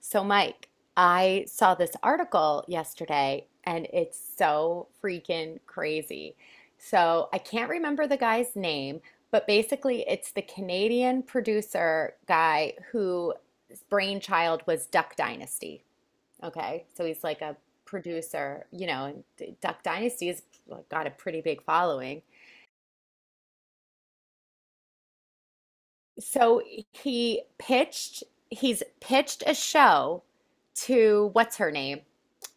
So, Mike, I saw this article yesterday and it's so freaking crazy. So, I can't remember the guy's name, but basically, it's the Canadian producer guy whose brainchild was Duck Dynasty. Okay. So, he's like a producer, and Duck Dynasty has, like, got a pretty big following. So, he pitched, he's pitched a show to what's her name?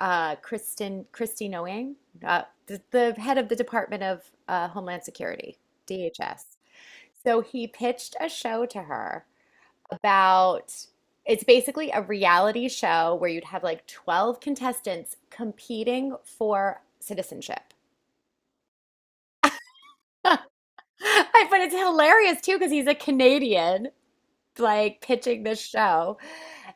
Kristen Christy Noang, the head of the Department of Homeland Security, DHS. So he pitched a show to her about it's basically a reality show where you'd have like 12 contestants competing for citizenship. I- But it's hilarious too because he's a Canadian like pitching this show.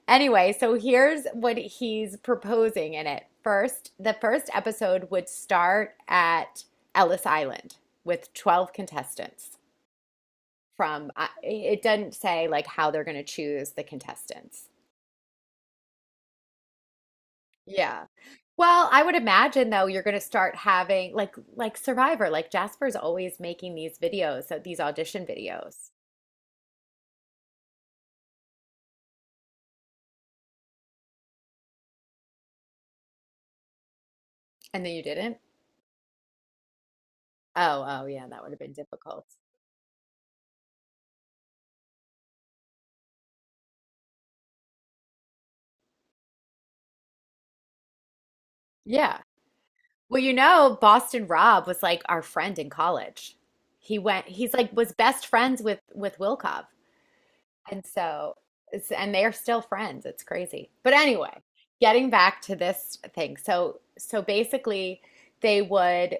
Anyway, so here's what he's proposing in it. The first episode would start at Ellis Island with 12 contestants it doesn't say like how they're going to choose the contestants. Yeah. Well, I would imagine though you're going to start having like Survivor, like Jasper's always making these videos, so these audition videos. And then you didn't? Oh, oh yeah, that would have been difficult. Yeah. Well, you know, Boston Rob was like our friend in college. He's like was best friends with Wilkov. And so it's and they're still friends. It's crazy. But anyway, getting back to this thing. So basically they would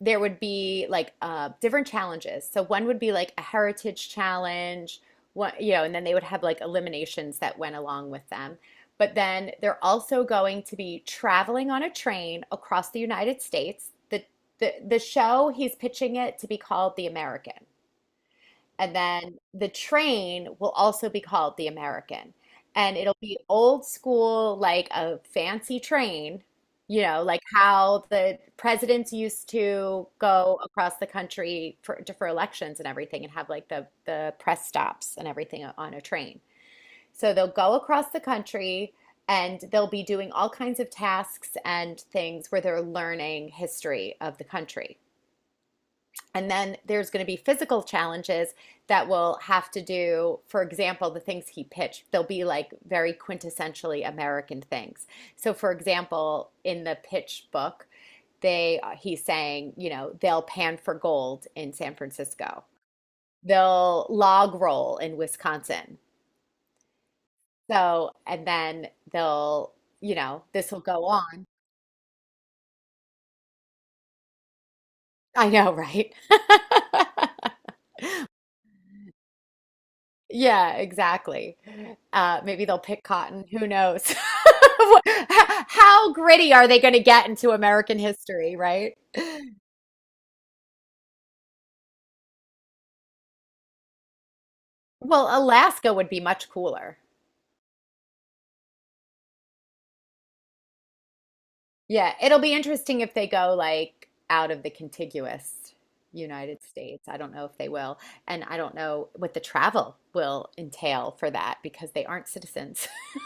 there would be like different challenges. So one would be like a heritage challenge, one, you know, and then they would have like eliminations that went along with them. But then they're also going to be traveling on a train across the United States. The show he's pitching it to be called The American. And then the train will also be called the American. And it'll be old school, like a fancy train, you know, like how the presidents used to go across the country for elections and everything and have like the press stops and everything on a train. So they'll go across the country and they'll be doing all kinds of tasks and things where they're learning history of the country. And then there's going to be physical challenges that will have to do, for example, the things he pitched. They'll be like very quintessentially American things. So, for example, in the pitch book, they he's saying, you know, they'll pan for gold in San Francisco. They'll log roll in Wisconsin. So, and then you know, this will go on. I know, right? Yeah, exactly. Maybe they'll pick cotton. Who knows? What- h- How gritty are they going to get into American history, right? Well, Alaska would be much cooler. Yeah, it'll be interesting if they go like out of the contiguous United States. I don't know if they will. And I don't know what the travel will entail for that because they aren't citizens.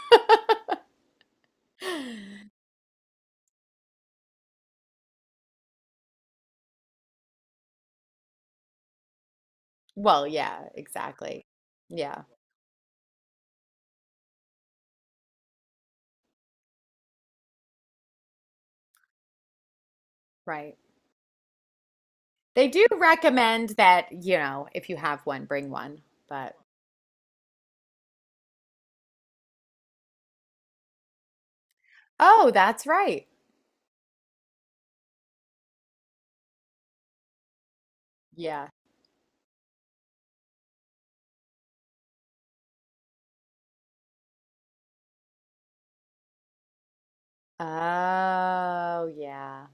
Well, yeah, exactly. Yeah, right. They do recommend that, you know, if you have one, bring one. But oh, that's right. Yeah. Oh, yeah.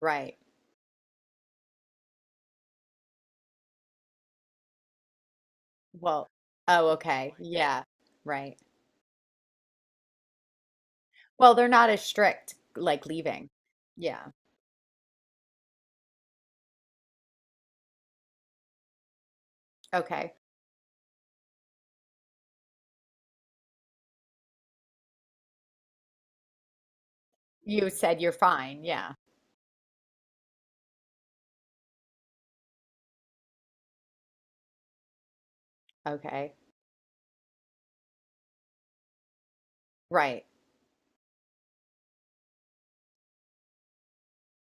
Right. Well, oh, okay. Yeah. Right. Well, they're not as strict like leaving. Yeah. Okay. You said you're fine. Yeah. Okay. Right.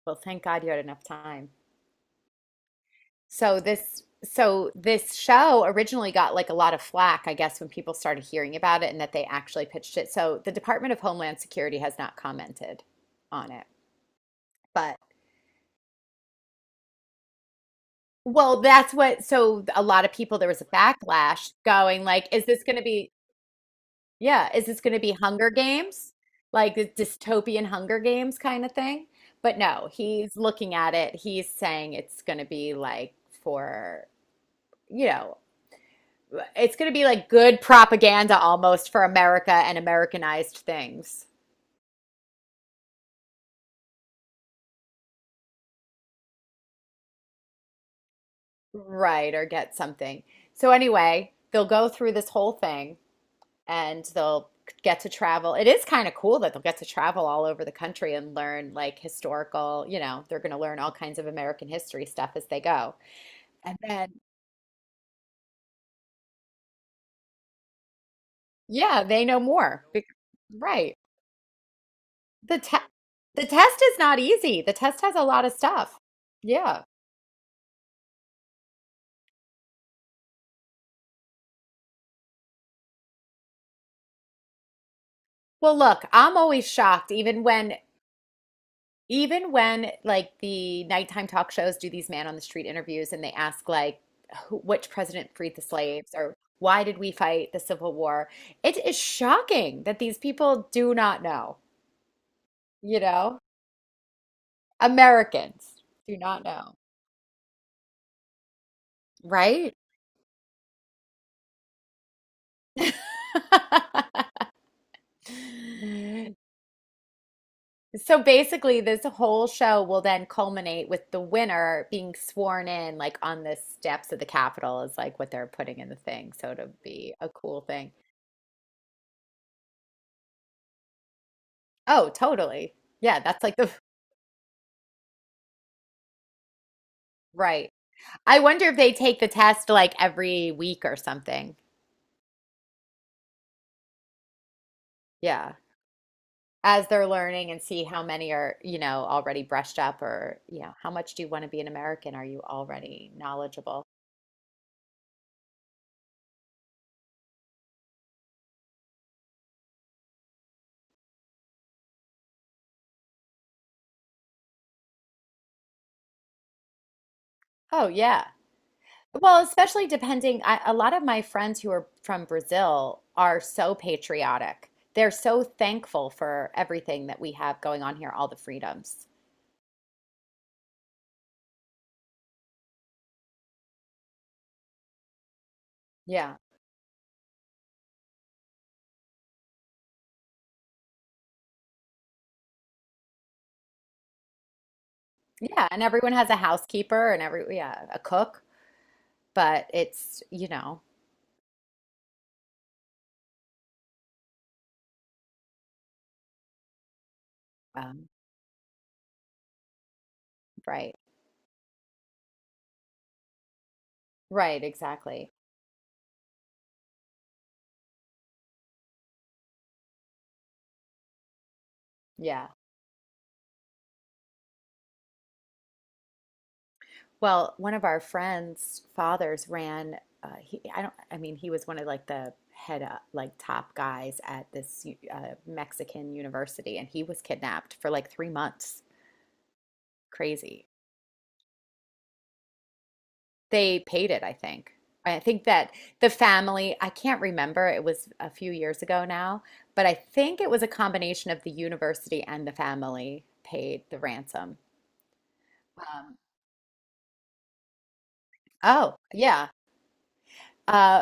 Well, thank God you had enough time. So this show originally got like a lot of flack, I guess, when people started hearing about it and that they actually pitched it. So the Department of Homeland Security has not commented on it. But well, that's what so a lot of people there was a backlash going like, is this going to be yeah, is this going to be Hunger Games? Like the dystopian Hunger Games kind of thing? But no, he's looking at it. He's saying it's going to be like for, you know, it's going to be like good propaganda almost for America and Americanized things. Right, or get something. So anyway, they'll go through this whole thing and they'll get to travel. It is kind of cool that they'll get to travel all over the country and learn like historical, you know, they're going to learn all kinds of American history stuff as they go. And then, yeah, they know more. Right. The te the test is not easy. The test has a lot of stuff. Yeah. Well, look, I'm always shocked, even when even when like the nighttime talk shows do these man on the street interviews and they ask like who, which president freed the slaves or why did we fight the Civil War? It is shocking that these people do not know, you know? Americans do not know, right? So basically, this whole show will then culminate with the winner being sworn in, like on the steps of the Capitol, is like what they're putting in the thing. So it'll be a cool thing. Oh, totally. Yeah, that's like the right. I wonder if they take the test like every week or something. Yeah. As they're learning and see how many are, you know, already brushed up or, you know, how much do you want to be an American? Are you already knowledgeable? Oh, yeah. Well, especially depending, I, a lot of my friends who are from Brazil are so patriotic. They're so thankful for everything that we have going on here, all the freedoms. Yeah. Yeah, and everyone has a housekeeper and every yeah, a cook. But it's, you know, um, right, right, exactly. Yeah. Well, one of our friends' fathers ran, I don't, I mean, he was one of like the head up, like top guys at this Mexican university, and he was kidnapped for like 3 months. Crazy. They paid it, I think. I think that the family, I can't remember, it was a few years ago now, but I think it was a combination of the university and the family paid the ransom. Um, Oh, yeah. Uh,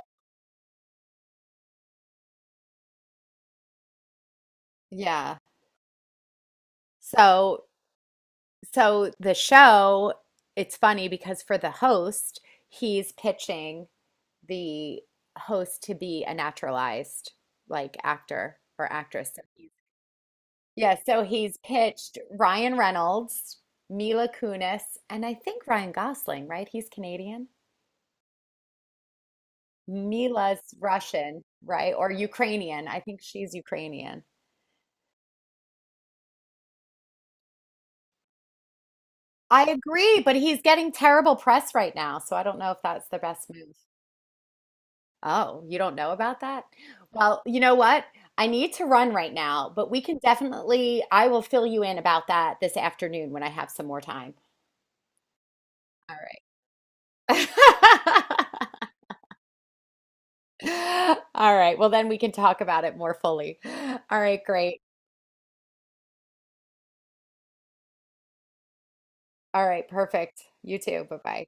yeah. So, so, the show, it's funny because for the host, he's pitching the host to be a naturalized like actor or actress. So he's- yeah, so he's pitched Ryan Reynolds, Mila Kunis, and I think Ryan Gosling, right? He's Canadian. Mila's Russian, right? Or Ukrainian. I think she's Ukrainian. I agree, but he's getting terrible press right now, so I don't know if that's the best move. Oh, you don't know about that? Well, you know what? I need to run right now, but we can definitely, I will fill you in about that this afternoon when I have some more time. All right. All right. Well, then we can talk about it more fully. All right, great. All right, perfect. You too. Bye-bye.